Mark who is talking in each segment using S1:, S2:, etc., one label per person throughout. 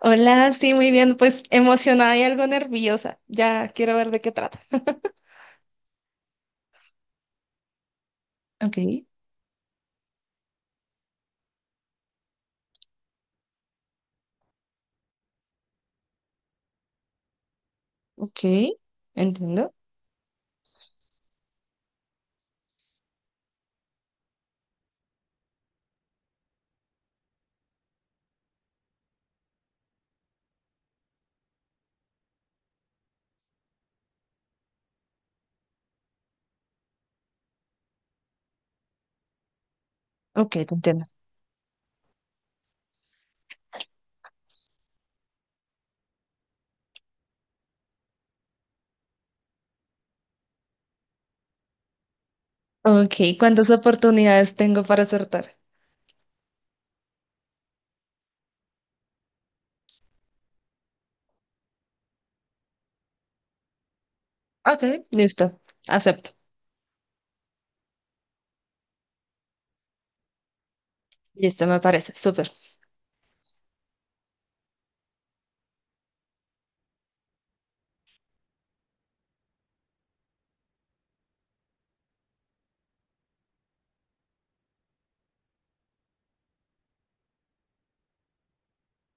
S1: Hola, sí, muy bien, pues emocionada y algo nerviosa. Ya quiero ver de qué trata. Ok, ok, entiendo. Ok, te entiendo. Ok, ¿cuántas oportunidades tengo para acertar? Ok, listo, acepto. Listo, me parece, súper.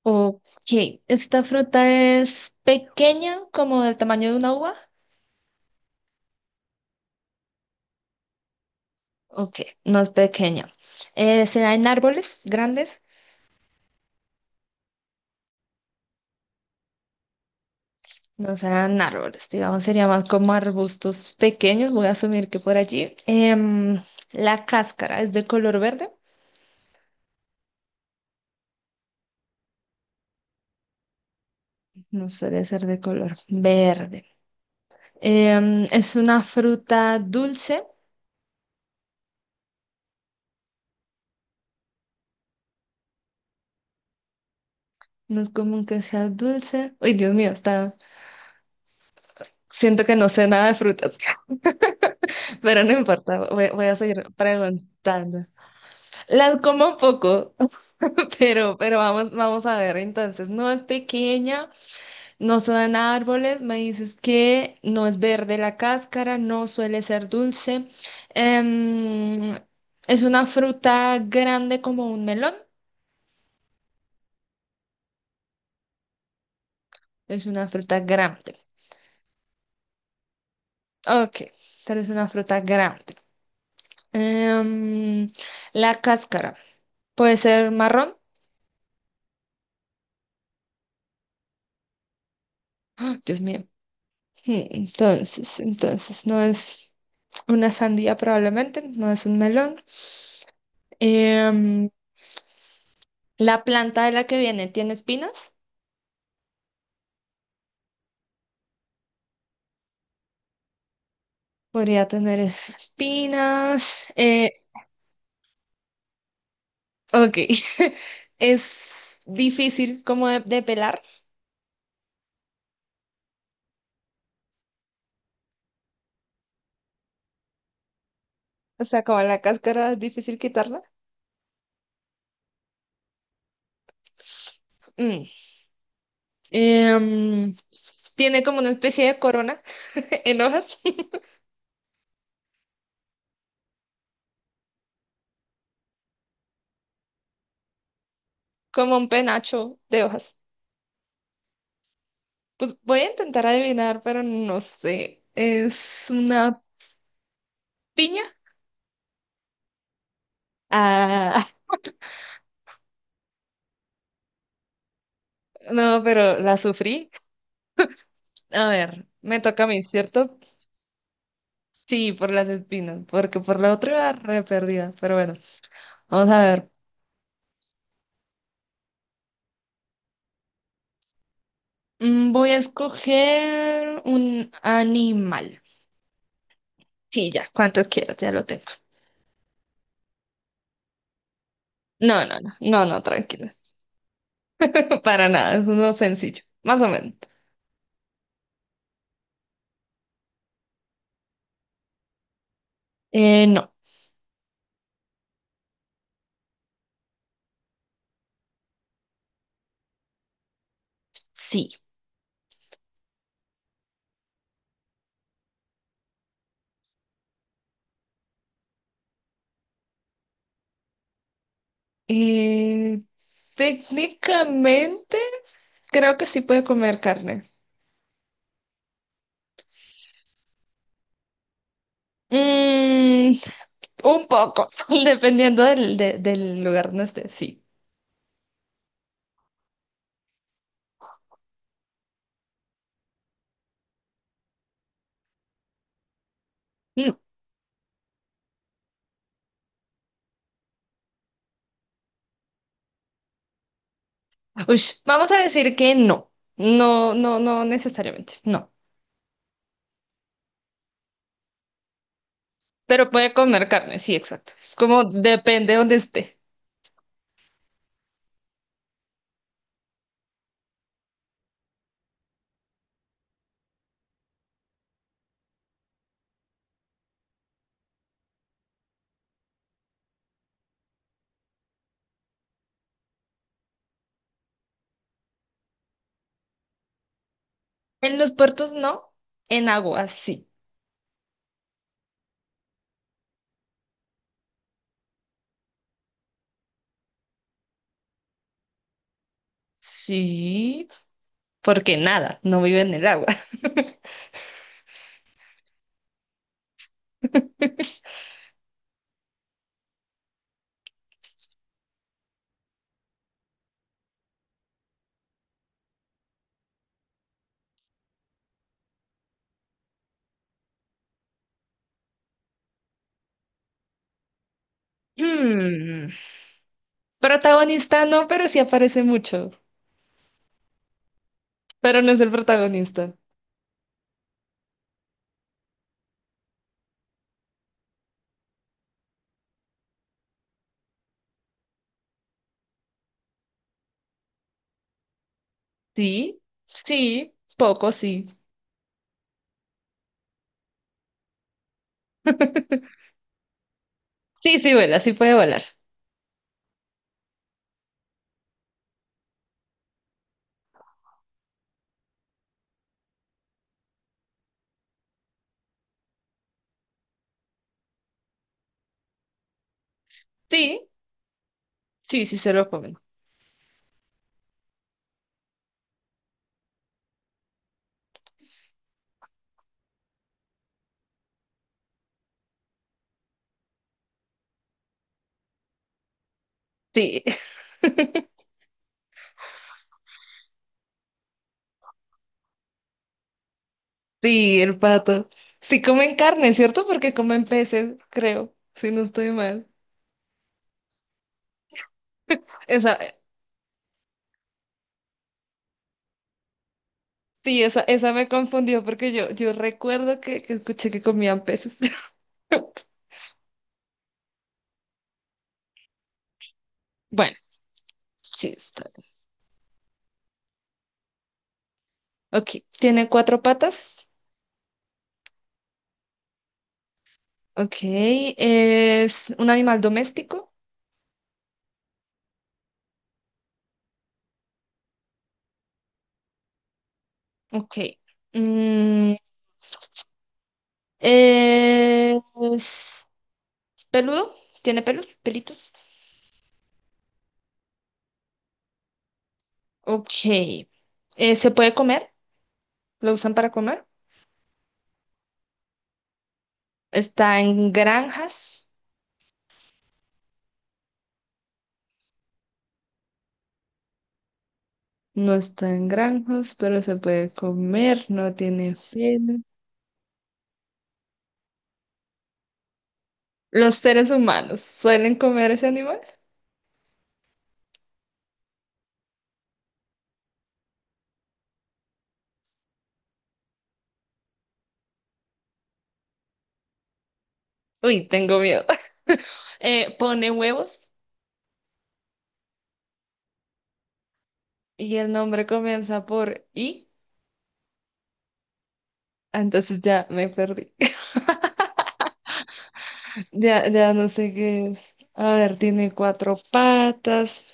S1: Ok, ¿esta fruta es pequeña, como del tamaño de una uva? Ok, no es pequeña. ¿Se da en árboles grandes? No sean árboles, digamos, sería más como arbustos pequeños. Voy a asumir que por allí. La cáscara es de color verde. No suele ser de color verde. Es una fruta dulce. No es común que sea dulce. Uy, Dios mío, está. Siento que no sé nada de frutas, pero no importa. Voy a seguir preguntando. Las como poco, pero vamos a ver. Entonces, no es pequeña. No se dan árboles, me dices que no es verde la cáscara, no suele ser dulce. Em, es una fruta grande como un melón. Es una fruta grande. Ok, pero es una fruta grande. Em, la cáscara puede ser marrón. ¡Ah! Dios mío. Entonces no es una sandía probablemente, no es un melón. Em, la planta de la que viene tiene espinas. Podría tener espinas. Ok. Es difícil como de pelar. O sea, como la cáscara es difícil quitarla. Mm. Em, Tiene como una especie de corona en hojas, como un penacho de hojas. Pues voy a intentar adivinar, pero no sé. ¿Es una piña? Ah, no, pero la sufrí. A ver, me toca a mí, ¿cierto? Sí, por las espinas, porque por la otra era re perdida. Pero bueno, vamos a ver. Voy a escoger un animal. Sí, ya, cuánto quieras, ya lo tengo. No, no, no, no, no, tranquila. Para nada, es uno sencillo, más o menos. No, sí. Eh, Técnicamente, creo que sí puede comer carne. Mm, un poco, dependiendo del, del lugar donde esté, sí. Mm, ush, vamos a decir que no, no, no, no necesariamente, no. Pero puede comer carne, sí, exacto. Es como depende de donde esté. En los puertos no, en agua sí. Sí, porque nada, no vive en el agua. Hmm, protagonista no, pero sí aparece mucho. Pero no es el protagonista. Sí, sí, poco sí. Sí, sí vuela, sí puede volar. Sí, sí, sí se lo comen. Sí. Sí, el pato. Sí comen carne, ¿cierto? Porque comen peces, creo, si no estoy mal. Esa, sí, esa me confundió porque yo recuerdo que escuché que comían peces. Bueno, sí, está. Bien. Ok, tiene cuatro patas. Ok, es un animal doméstico. Ok. Mm, es peludo, tiene pelos, pelitos. Ok. ¿Se puede comer? ¿Lo usan para comer? Está en granjas. No está en granjas, pero se puede comer, no tiene pelo. Los seres humanos suelen comer ese animal. Uy, tengo miedo. Pone huevos y el nombre comienza por I. Entonces ya me perdí. Ya, ya no sé qué es. A ver, tiene cuatro patas,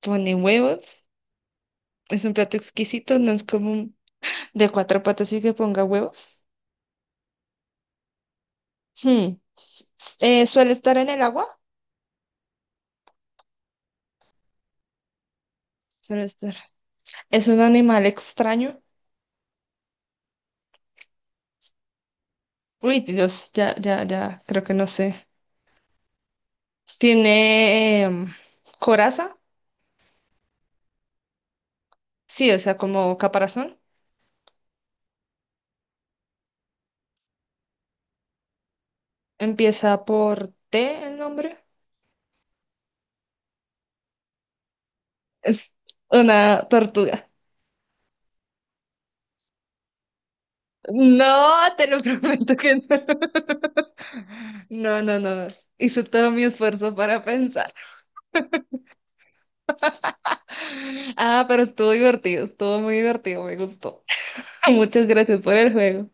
S1: pone huevos. Es un plato exquisito, no es común de cuatro patas y que ponga huevos. Hmm. Suele estar en el agua. Suele estar. Es un animal extraño. Uy, Dios, ya, ya, ya, creo que no sé. Tiene coraza, sí, o sea, como caparazón. Empieza por T el nombre. Es una tortuga. No, te lo prometo que no. No, no, no. No. Hice todo mi esfuerzo para pensar. Ah, pero estuvo divertido, estuvo muy divertido, me gustó. Muchas gracias por el juego.